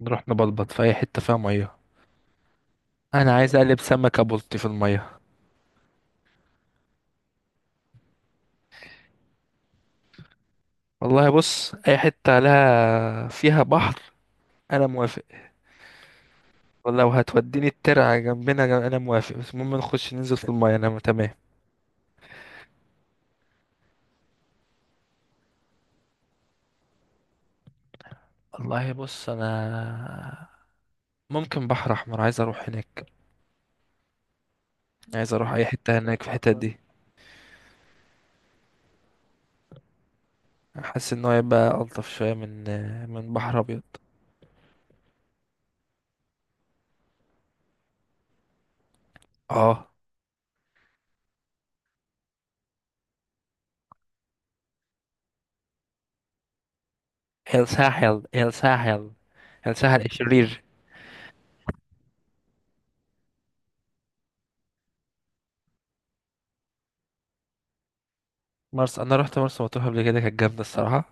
نروح نبلبط في اي حته فيها ميه. انا عايز اقلب سمكه بلطي في الميه. والله بص اي حته لها فيها بحر انا موافق. والله وهتوديني الترعه جنبنا جنب، انا موافق بس المهم نخش ننزل في الميه انا تمام. والله بص انا ممكن بحر احمر، عايز اروح هناك، عايز اروح اي حته هناك في الحته دي. حاسس ان هو يبقى الطف شويه من بحر ابيض. اه. الساحل، الساحل. الساحل الشرير. مرسى، انا رحت مرسى مطروح قبل كده كانت جامده الصراحه.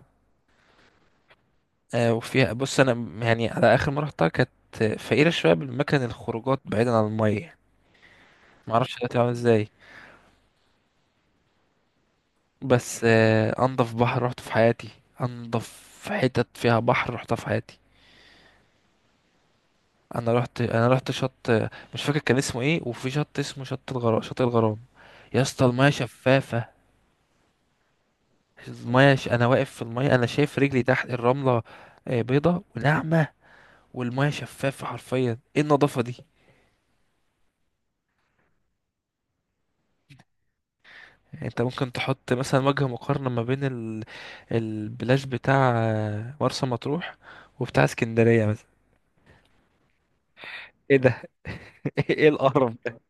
وفيها بص انا يعني على اخر مره رحتها كانت فقيره شويه بالمكان، الخروجات بعيدا عن الميه. ما اعرفش دلوقتي عامل ازاي. بس انضف بحر رحته في حياتي، انضف حتت فيها بحر رحتها في حياتي. انا رحت شط، مش فاكر كان اسمه ايه، وفي شط اسمه شط الغرام، شط الغرام. يا اسطى الميه شفافه. انا واقف في الميه انا شايف رجلي تحت الرمله، بيضه وناعمه، والميه شفافه حرفيا. ايه النظافه دي. يعني انت ممكن تحط مثلا وجه مقارنة ما بين البلاش بتاع مرسى مطروح وبتاع اسكندرية مثلا؟ ايه ده، ايه القرف ده.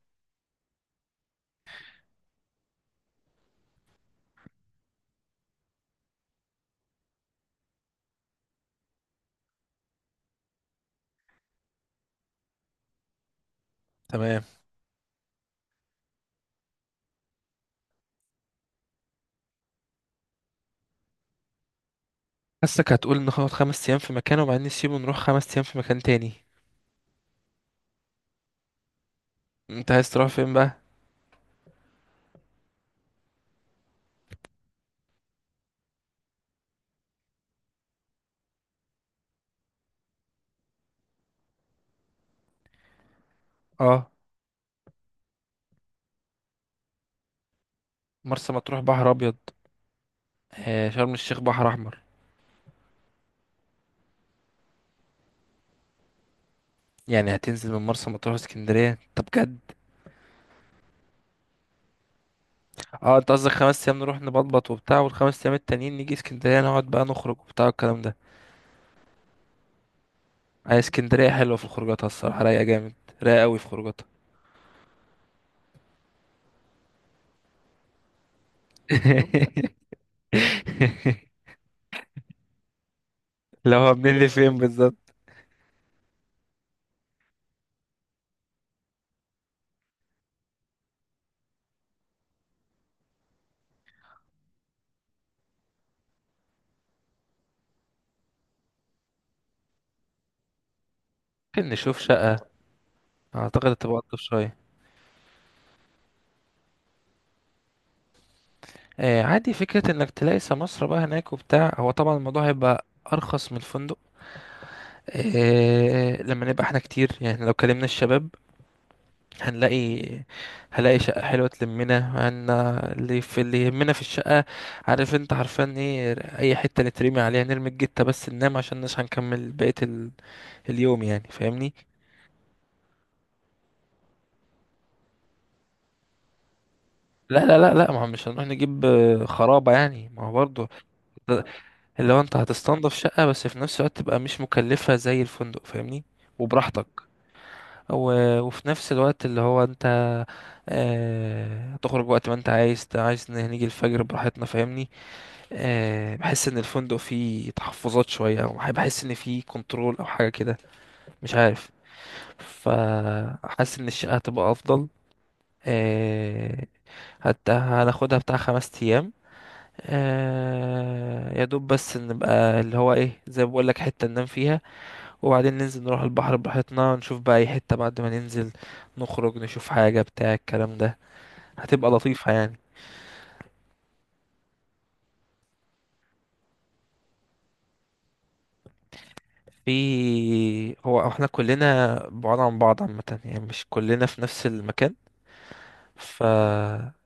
تمام. حاسك هتقول ان هنقعد خمس ايام في مكان وبعدين نسيبه نروح خمس ايام في مكان تاني. انت عايز تروح فين بقى؟ اه. مرسى مطروح بحر ابيض، آه شرم الشيخ بحر احمر. يعني هتنزل من مرسى مطروح اسكندرية؟ طب بجد، اه انت قصدك خمس ايام نروح نبطبط وبتاع، والخمس ايام التانيين نيجي اسكندرية نقعد بقى نخرج وبتاع الكلام ده. هي اسكندرية حلوة في خروجاتها الصراحة، رايقة جامد، رايقة أوي في خروجاتها. لو هو منين لفين بالظبط. ممكن نشوف شقة، أعتقد تبقى ألطف شوية. آه عادي، فكرة إنك تلاقي سمسرة بقى هناك وبتاع، هو طبعا الموضوع هيبقى أرخص من الفندق. آه لما نبقى احنا كتير، يعني لو كلمنا الشباب هنلاقي، هلاقي شقة حلوة تلمنا هن. اللي في اللي يهمنا في الشقة، عارف انت عارفان ايه، اي حتة نترمي عليها نرمي الجتة بس ننام عشان مش هنكمل بقية اليوم يعني، فاهمني. لا لا لا لا، ما هو مش هنروح نجيب خرابة يعني، ما هو برضه ده- اللي هو انت هتستنضف شقة بس في نفس الوقت تبقى مش مكلفة زي الفندق، فاهمني، وبراحتك. وفي نفس الوقت اللي هو انت هتخرج وقت ما انت عايز، عايز نيجي الفجر براحتنا، فاهمني. بحس ان الفندق فيه تحفظات شويه، او بحس ان فيه كنترول او حاجه كده، مش عارف. فحاسس ان الشقه هتبقى افضل. آه، هناخدها بتاع خمس ايام. يا دوب بس نبقى اللي هو ايه زي ما بقول لك، حته ننام فيها، وبعدين ننزل نروح البحر براحتنا نشوف بقى اي حته، بعد ما ننزل نخرج نشوف حاجه بتاع الكلام ده، هتبقى لطيفه يعني. في هو احنا كلنا بعاد عن بعض عامه، يعني مش كلنا في نفس المكان. ف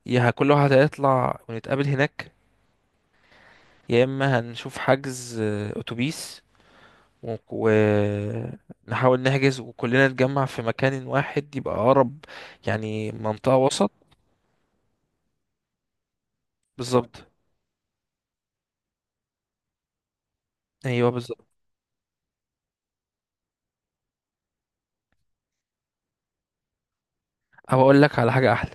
يا كل واحد هيطلع ونتقابل هناك، يا اما هنشوف حجز اتوبيس ونحاول نحجز وكلنا نتجمع في مكان واحد يبقى اقرب، يعني منطقة وسط. بالظبط. ايوه بالظبط. او اقول لك على حاجة احلى،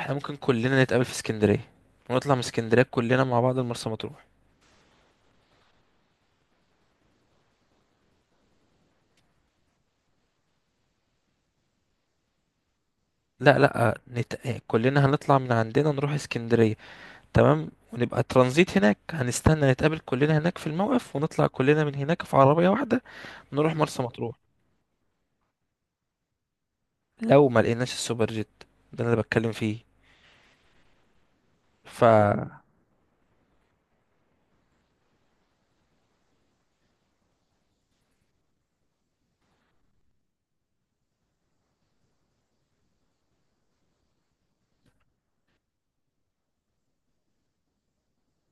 احنا ممكن كلنا نتقابل في اسكندرية، ونطلع من اسكندرية كلنا مع بعض المرسى مطروح. لا لا كلنا هنطلع من عندنا نروح اسكندرية، تمام، ونبقى ترانزيت هناك، هنستنى نتقابل كلنا هناك في الموقف، ونطلع كلنا من هناك في عربية واحدة نروح مرسى مطروح. لو ما لقيناش السوبر جيت، ده اللي أنا بتكلم فيه. ف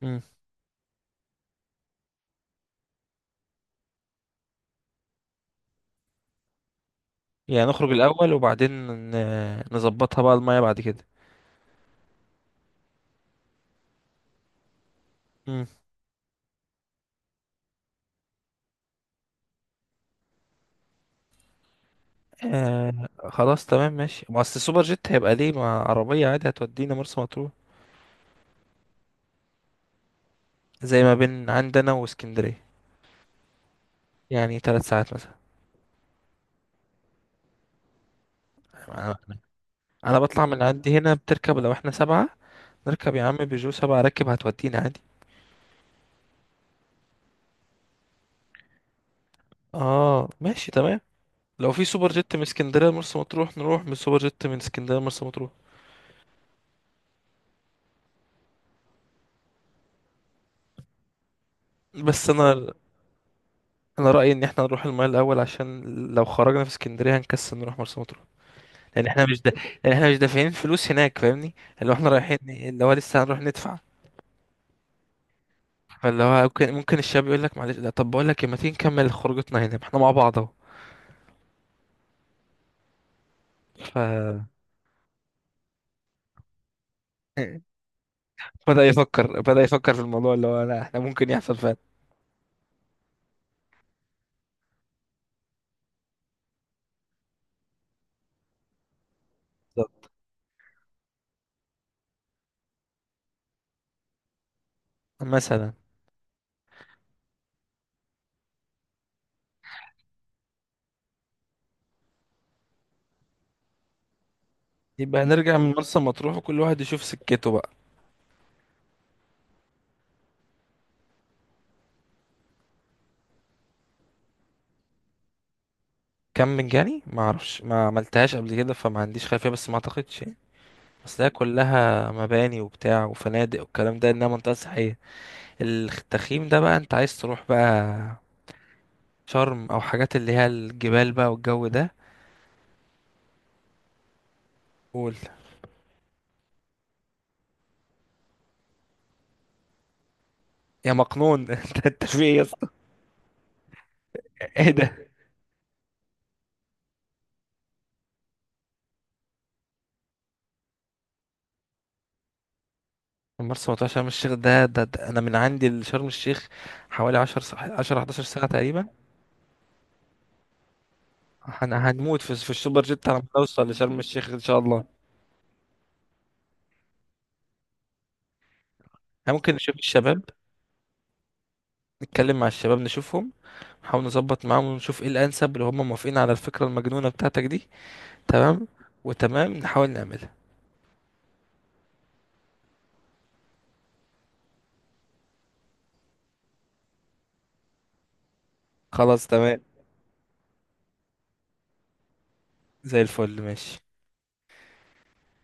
مم. يعني نخرج الأول وبعدين نظبطها بقى المية بعد كده. مم. آه خلاص تمام ماشي، ما أصل السوبر جيت هيبقى ليه مع عربية عادي هتودينا مرسى مطروح. زي ما بين عندنا واسكندرية. يعني ثلاث ساعات مثلا. أنا، أنا بطلع من عندي هنا بتركب لو احنا سبعة، نركب يا عم بيجو سبعة راكب هتودينا عادي. اه ماشي تمام. لو في سوبر جيت من اسكندريه لمرسى مطروح نروح من سوبر جيت من اسكندريه لمرسى مطروح. بس انا، انا رايي ان احنا نروح المايه الاول، عشان لو خرجنا في اسكندريه هنكسل نروح مرسى مطروح. لان احنا مش دا... لان احنا مش دافعين فلوس هناك، فاهمني، اللي هو احنا رايحين اللي هو لسه هنروح ندفع. فاللي هو ممكن الشاب يقول لك معلش، لا طب بقول لك إيه، ما تيجي نكمل خروجتنا هنا، ما احنا مع بعض اهو. ف بدأ يفكر في الموضوع اللي هو لا احنا ممكن يحصل فعلا. بالظبط. مثلا. يبقى نرجع من مرسى مطروح وكل واحد يشوف سكته بقى. كم مجاني، ما اعرفش، ما عملتهاش قبل كده فما عنديش خلفيه، بس ما اعتقدش يعني، اصل هي كلها مباني وبتاع وفنادق والكلام ده، انها منطقه سياحيه. التخييم ده بقى انت عايز تروح بقى شرم او حاجات اللي هي الجبال بقى والجو ده. قول. يا مقنون انت انت في ايه يا اسطى؟ ايه ده. مرسى مطروح شرم الشيخ، ده انا من عندي لشرم الشيخ حوالي 10 11 ساعه تقريبا. هنموت في السوبر جيت على ما نوصل لشرم الشيخ ان شاء الله. احنا ممكن نشوف الشباب، نتكلم مع الشباب نشوفهم، نحاول نظبط معاهم ونشوف ايه الانسب، اللي هم موافقين على الفكرة المجنونة بتاعتك دي. تمام، وتمام نحاول نعملها. خلاص تمام، زي الفل ماشي.